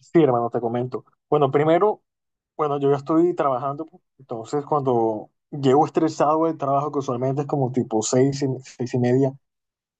Sí, hermano, te comento. Bueno, primero, bueno, yo ya estoy trabajando, pues, entonces cuando llego estresado del trabajo, que usualmente es como tipo 6:30,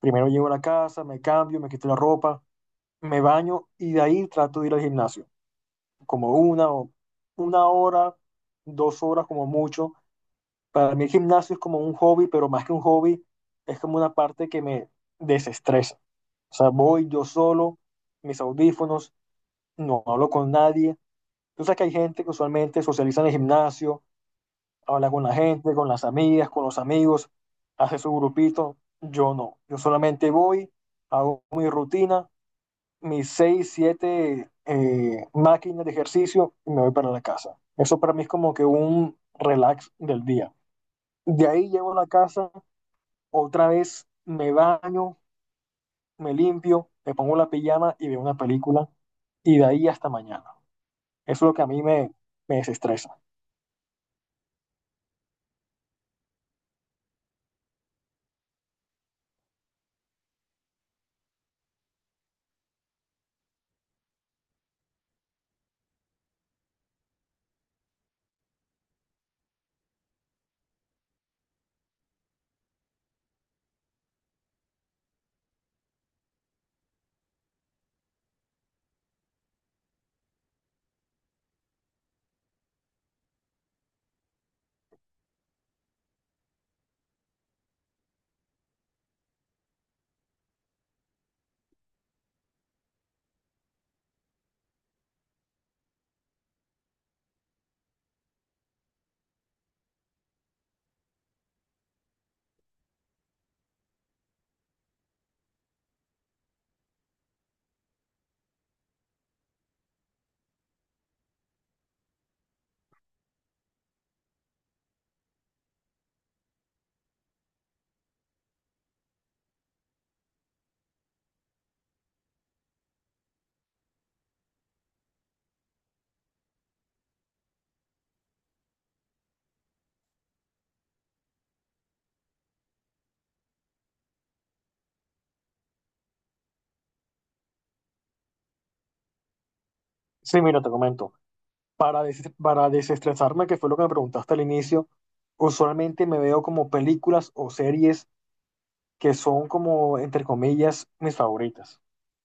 primero llego a la casa, me cambio, me quito la ropa, me baño y de ahí trato de ir al gimnasio, como una hora, 2 horas como mucho. Para mí el gimnasio es como un hobby, pero más que un hobby, es como una parte que me desestresa. O sea, voy yo solo, mis audífonos, no hablo con nadie. Tú sabes que hay gente que usualmente socializa en el gimnasio, habla con la gente, con las amigas, con los amigos, hace su grupito. Yo no. Yo solamente voy, hago mi rutina, mis seis, siete máquinas de ejercicio y me voy para la casa. Eso para mí es como que un relax del día. De ahí llego a la casa, otra vez me baño, me limpio, me pongo la pijama y veo una película y de ahí hasta mañana. Eso es lo que a mí me desestresa. Sí, mira, te comento. Para, para desestresarme, que fue lo que me preguntaste al inicio, usualmente me veo como películas o series que son como, entre comillas, mis favoritas,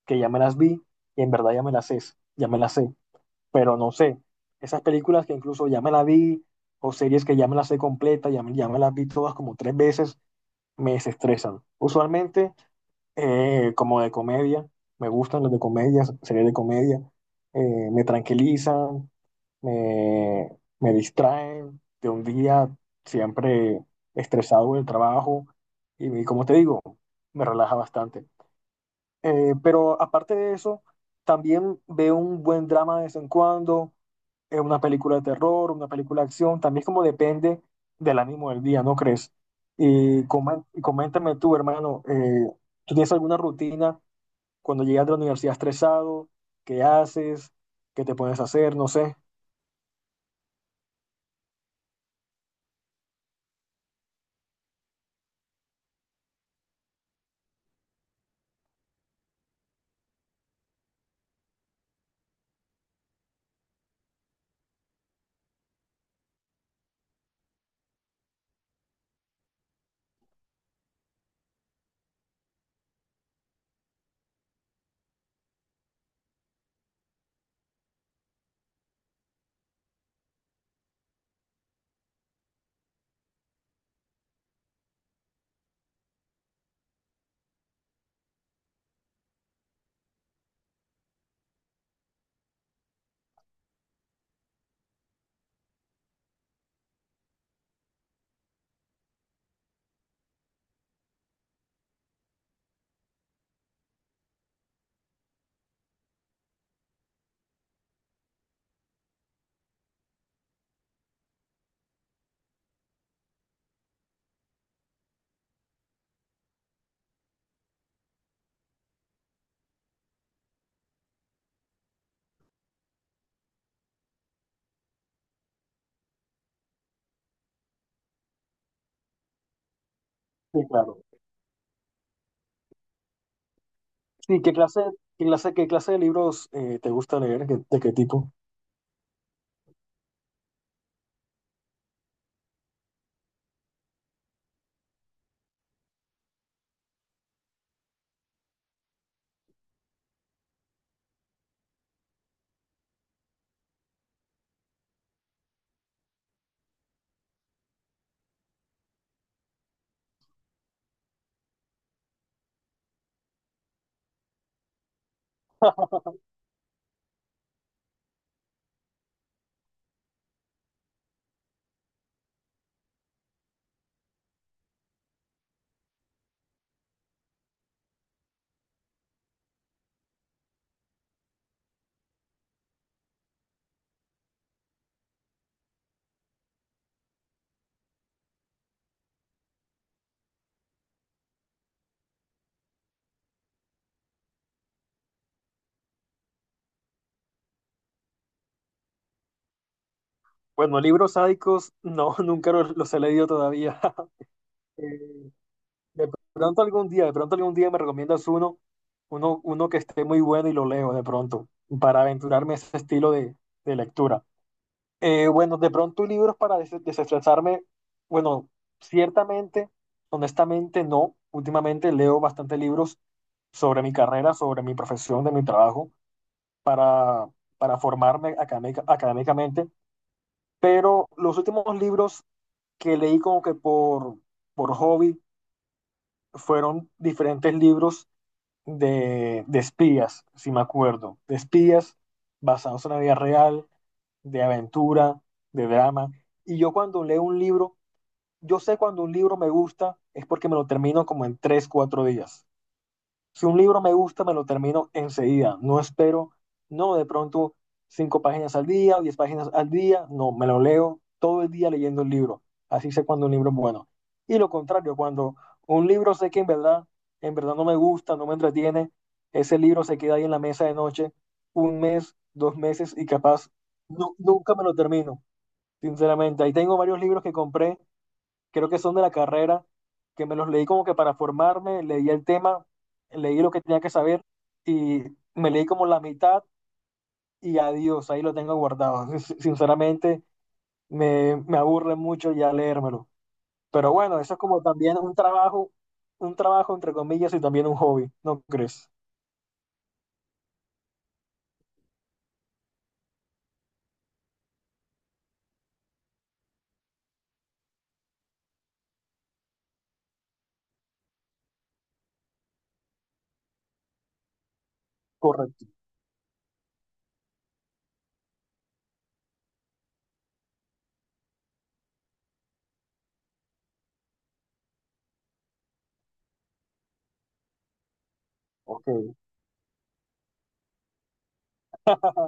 que ya me las vi y en verdad ya me las sé, pero no sé, esas películas que incluso ya me las vi o series que ya me las sé completa, ya me las vi todas como tres veces, me desestresan. Usualmente, como de comedia, me gustan las de comedia, series de comedia, me tranquilizan me, me distraen de un día siempre estresado del trabajo y como te digo, me relaja bastante. Pero aparte de eso, también veo un buen drama de vez en cuando, una película de terror, una película de acción, también como depende del ánimo del día, ¿no crees? Y coméntame tú, hermano, ¿tú tienes alguna rutina cuando llegas de la universidad estresado? ¿Qué haces? ¿Qué te pones a hacer? No sé. Sí, claro. Sí, ¿qué clase, qué clase, qué clase de libros te gusta leer? ¿Qué- ¿De qué tipo? Bueno, libros sádicos, no, nunca los he leído todavía. Eh, de de pronto algún día me recomiendas uno que esté muy bueno y lo leo de pronto, para aventurarme a ese estilo de lectura. Bueno, de pronto libros para desestresarme, bueno, ciertamente, honestamente no. Últimamente leo bastante libros sobre mi carrera, sobre mi profesión, de mi trabajo, para, para formarme académicamente, pero los últimos libros que leí como que por hobby fueron diferentes libros de espías, si me acuerdo, de espías basados en la vida real, de aventura, de drama. Y yo cuando leo un libro, yo sé cuando un libro me gusta es porque me lo termino como en 3, 4 días. Si un libro me gusta, me lo termino enseguida. No espero, no de pronto cinco páginas al día o 10 páginas al día. No, me lo leo todo el día leyendo el libro. Así sé cuando un libro es bueno. Y lo contrario, cuando un libro sé que en verdad no me gusta, no me entretiene, ese libro se queda ahí en la mesa de noche un mes, 2 meses y capaz nunca me lo termino. Sinceramente, ahí tengo varios libros que compré, creo que son de la carrera, que me los leí como que para formarme, leí el tema, leí lo que tenía que saber y me leí como la mitad y adiós, ahí lo tengo guardado. Sinceramente, me aburre mucho ya leérmelo. Pero bueno, eso es como también un trabajo entre comillas y también un hobby, ¿no crees? Correcto. Ok.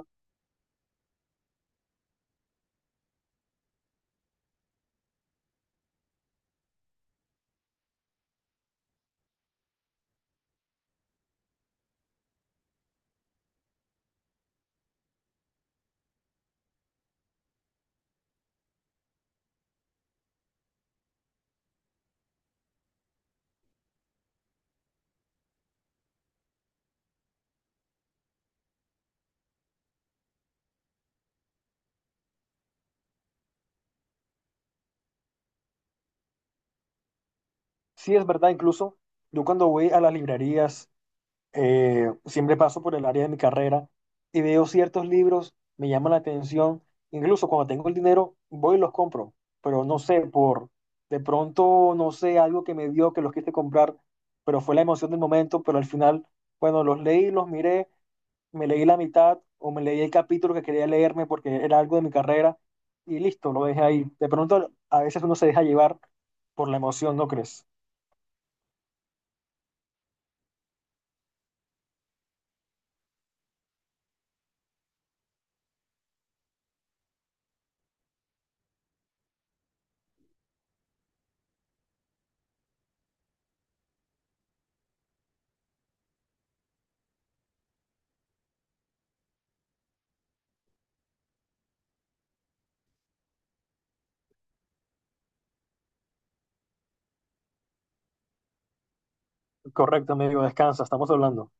Sí, es verdad, incluso yo cuando voy a las librerías, siempre paso por el área de mi carrera y veo ciertos libros, me llaman la atención, incluso cuando tengo el dinero voy y los compro, pero no sé, por de pronto, no sé, algo que me dio que los quise comprar, pero fue la emoción del momento, pero al final, bueno, los leí, los miré, me leí la mitad o me leí el capítulo que quería leerme porque era algo de mi carrera y listo, lo dejé ahí. De pronto, a veces uno se deja llevar por la emoción, ¿no crees? Correcto, amigo, descansa, estamos hablando.